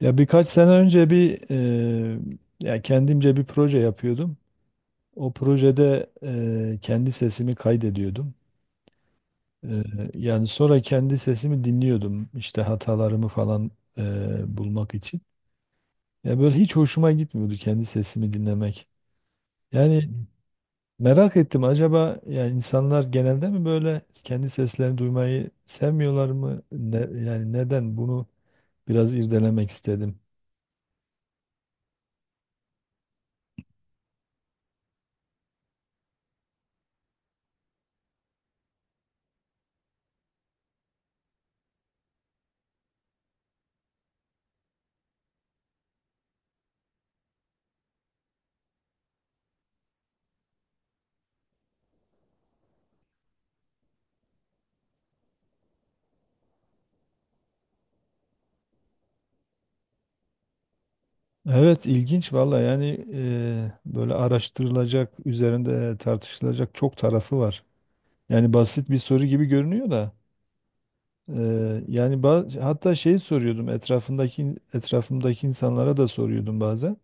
Ya birkaç sene önce bir ya kendimce bir proje yapıyordum. O projede kendi sesimi kaydediyordum. Eee, Yani sonra kendi sesimi dinliyordum işte hatalarımı falan bulmak için. Ya böyle hiç hoşuma gitmiyordu kendi sesimi dinlemek. Yani merak ettim, acaba ya insanlar genelde mi böyle kendi seslerini duymayı sevmiyorlar mı? Yani neden bunu biraz irdelemek istedim. Evet, ilginç valla. Yani böyle araştırılacak, üzerinde tartışılacak çok tarafı var. Yani basit bir soru gibi görünüyor da yani hatta şeyi soruyordum, etrafımdaki insanlara da soruyordum bazen.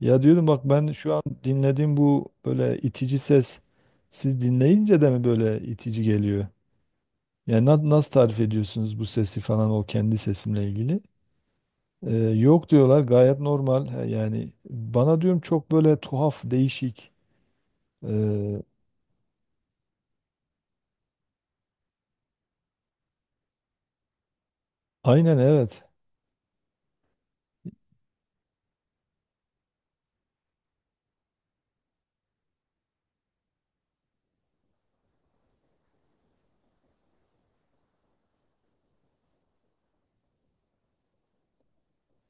Ya diyordum, bak, ben şu an dinlediğim bu böyle itici ses, siz dinleyince de mi böyle itici geliyor? Yani nasıl tarif ediyorsunuz bu sesi falan, o kendi sesimle ilgili? Yok diyorlar, gayet normal. Ha. Yani bana diyorum çok böyle tuhaf, değişik. Ee, aynen evet.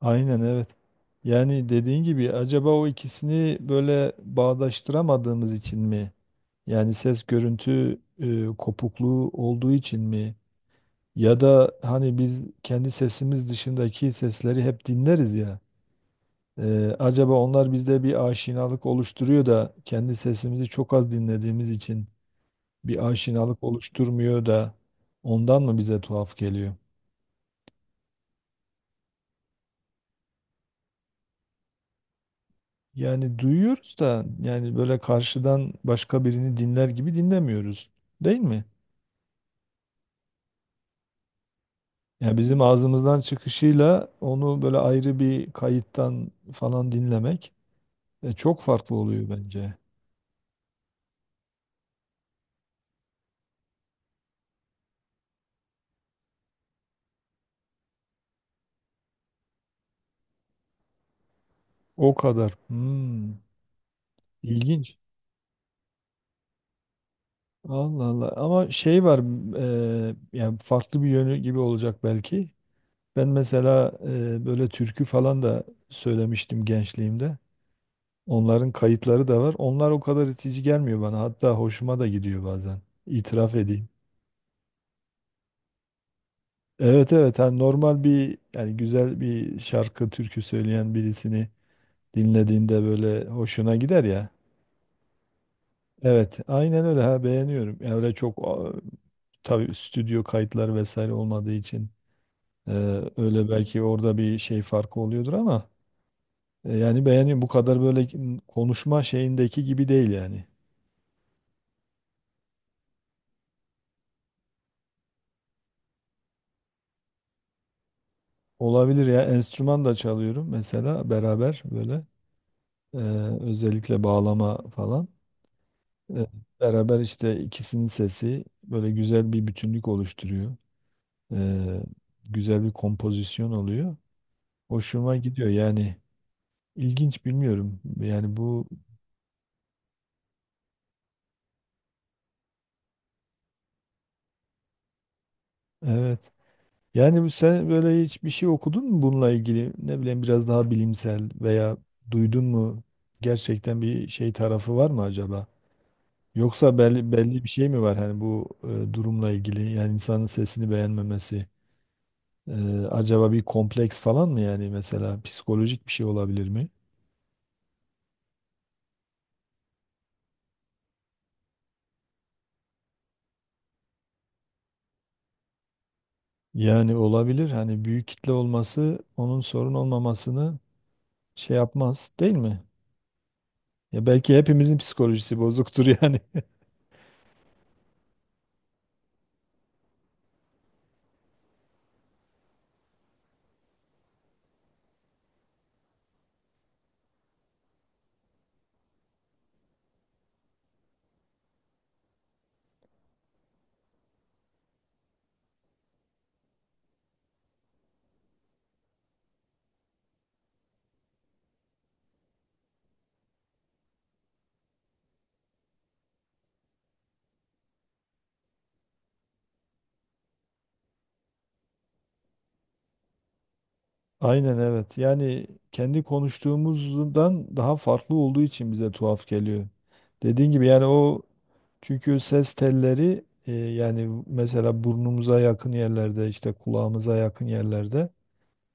Aynen evet. Yani dediğin gibi, acaba o ikisini böyle bağdaştıramadığımız için mi? Yani ses görüntü kopukluğu olduğu için mi? Ya da hani biz kendi sesimiz dışındaki sesleri hep dinleriz ya. Acaba onlar bizde bir aşinalık oluşturuyor da kendi sesimizi çok az dinlediğimiz için bir aşinalık oluşturmuyor da ondan mı bize tuhaf geliyor? Yani duyuyoruz da, yani böyle karşıdan başka birini dinler gibi dinlemiyoruz. Değil mi? Yani bizim ağzımızdan çıkışıyla onu böyle ayrı bir kayıttan falan dinlemek çok farklı oluyor bence. O kadar. Hmm, ilginç. Allah Allah. Ama şey var, yani farklı bir yönü gibi olacak belki. Ben mesela böyle türkü falan da söylemiştim gençliğimde. Onların kayıtları da var. Onlar o kadar itici gelmiyor bana. Hatta hoşuma da gidiyor bazen. İtiraf edeyim. Evet evet, hani normal bir, yani güzel bir şarkı türkü söyleyen birisini dinlediğinde böyle hoşuna gider ya. Evet, aynen öyle, ha, beğeniyorum. Yani öyle çok tabii stüdyo kayıtları vesaire olmadığı için e, öyle belki orada bir şey farkı oluyordur ama yani beğeniyorum. Bu kadar böyle konuşma şeyindeki gibi değil yani. Olabilir ya. Enstrüman da çalıyorum mesela beraber böyle. Ee, özellikle bağlama falan. Ee, beraber işte ikisinin sesi böyle güzel bir bütünlük oluşturuyor. Ee, güzel bir kompozisyon oluyor. Hoşuma gidiyor yani. İlginç bilmiyorum. Yani bu evet. Yani sen böyle hiçbir şey okudun mu bununla ilgili? Ne bileyim, biraz daha bilimsel veya duydun mu? Gerçekten bir şey tarafı var mı acaba? Yoksa belli, belli bir şey mi var hani bu durumla ilgili, yani insanın sesini beğenmemesi, e, acaba bir kompleks falan mı, yani mesela psikolojik bir şey olabilir mi? Yani olabilir, hani büyük kitle olması onun sorun olmamasını şey yapmaz değil mi? Ya belki hepimizin psikolojisi bozuktur yani. Aynen evet. Yani kendi konuştuğumuzdan daha farklı olduğu için bize tuhaf geliyor. Dediğin gibi yani, o çünkü ses telleri yani mesela burnumuza yakın yerlerde, işte kulağımıza yakın yerlerde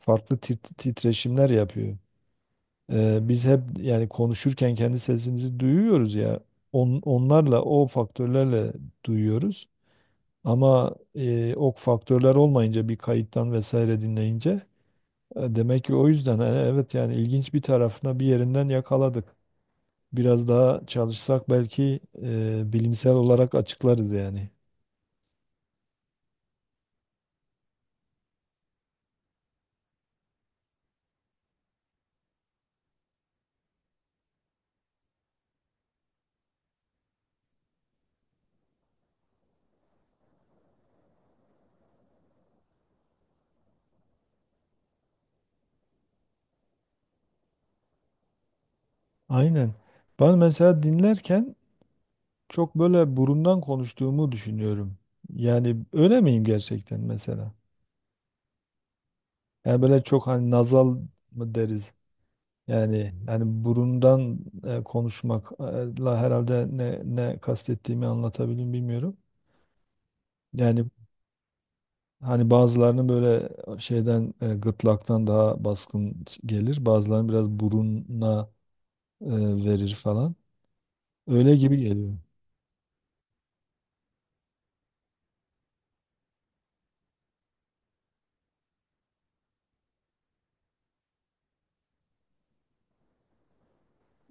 farklı titreşimler yapıyor. E, biz hep yani konuşurken kendi sesimizi duyuyoruz ya, onlarla, o faktörlerle duyuyoruz. Ama o faktörler olmayınca, bir kayıttan vesaire dinleyince, demek ki o yüzden. Evet, yani ilginç bir tarafına, bir yerinden yakaladık. Biraz daha çalışsak belki bilimsel olarak açıklarız yani. Aynen. Ben mesela dinlerken çok böyle burundan konuştuğumu düşünüyorum. Yani öyle miyim gerçekten mesela? Yani böyle çok, hani nazal mı deriz? Yani yani burundan konuşmakla herhalde ne kastettiğimi anlatabilirim, bilmiyorum. Yani hani bazılarının böyle şeyden, gırtlaktan daha baskın gelir. Bazılarının biraz buruna e, verir falan. Öyle gibi geliyor.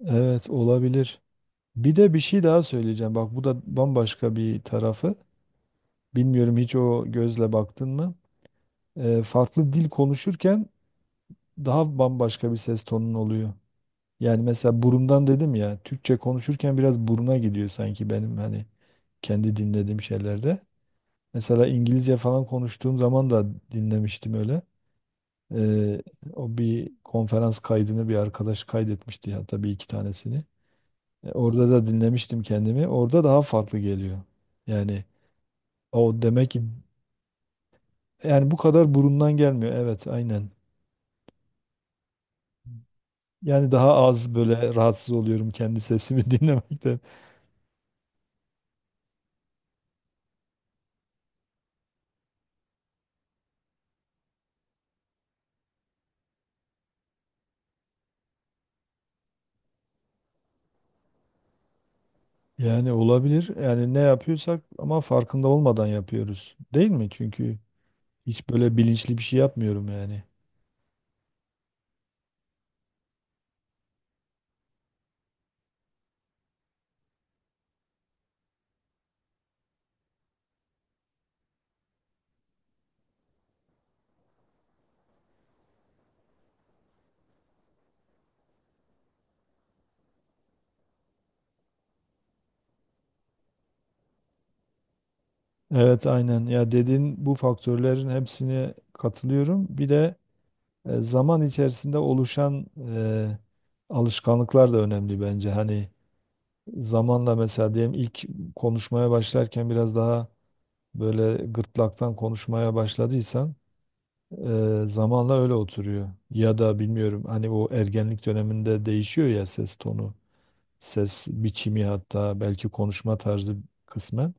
Evet, olabilir. Bir de bir şey daha söyleyeceğim. Bak, bu da bambaşka bir tarafı. Bilmiyorum, hiç o gözle baktın mı? E, farklı dil konuşurken daha bambaşka bir ses tonun oluyor. Yani mesela burundan dedim ya. Türkçe konuşurken biraz buruna gidiyor sanki benim, hani kendi dinlediğim şeylerde. Mesela İngilizce falan konuştuğum zaman da dinlemiştim öyle. Ee, o bir konferans kaydını bir arkadaş kaydetmişti, hatta bir iki tanesini. E, orada da dinlemiştim kendimi. Orada daha farklı geliyor. Yani o demek ki yani bu kadar burundan gelmiyor. Evet, aynen. Yani daha az böyle rahatsız oluyorum kendi sesimi dinlemekten. Yani olabilir. Yani ne yapıyorsak ama farkında olmadan yapıyoruz. Değil mi? Çünkü hiç böyle bilinçli bir şey yapmıyorum yani. Evet aynen ya, dediğin bu faktörlerin hepsine katılıyorum. Bir de zaman içerisinde oluşan e, alışkanlıklar da önemli bence. Hani zamanla mesela diyelim, ilk konuşmaya başlarken biraz daha böyle gırtlaktan konuşmaya başladıysan zamanla öyle oturuyor. Ya da bilmiyorum, hani o ergenlik döneminde değişiyor ya ses tonu, ses biçimi, hatta belki konuşma tarzı kısmen.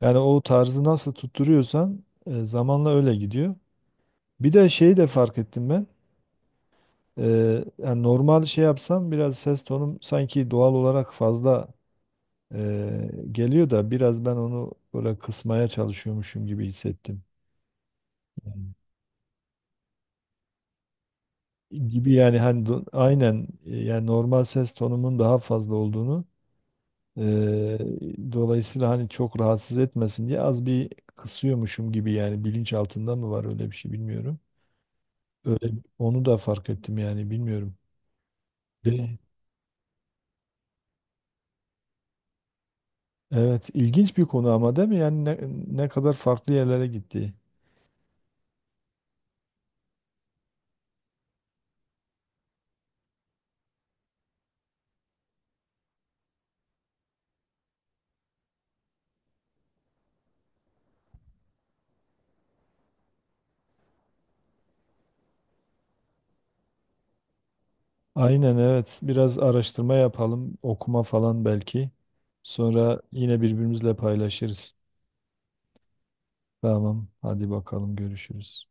Yani o tarzı nasıl tutturuyorsan zamanla öyle gidiyor. Bir de şeyi de fark ettim ben. E, yani normal şey yapsam biraz ses tonum sanki doğal olarak fazla geliyor da biraz ben onu böyle kısmaya çalışıyormuşum gibi hissettim. Yani gibi yani hani aynen, yani normal ses tonumun daha fazla olduğunu, e, dolayısıyla hani çok rahatsız etmesin diye az bir kısıyormuşum gibi, yani bilinç altında mı var öyle bir şey bilmiyorum. Öyle, onu da fark ettim yani, bilmiyorum. De, evet, ilginç bir konu ama değil mi? Yani ne kadar farklı yerlere gitti. Aynen evet. Biraz araştırma yapalım, okuma falan belki. Sonra yine birbirimizle paylaşırız. Tamam, hadi bakalım, görüşürüz.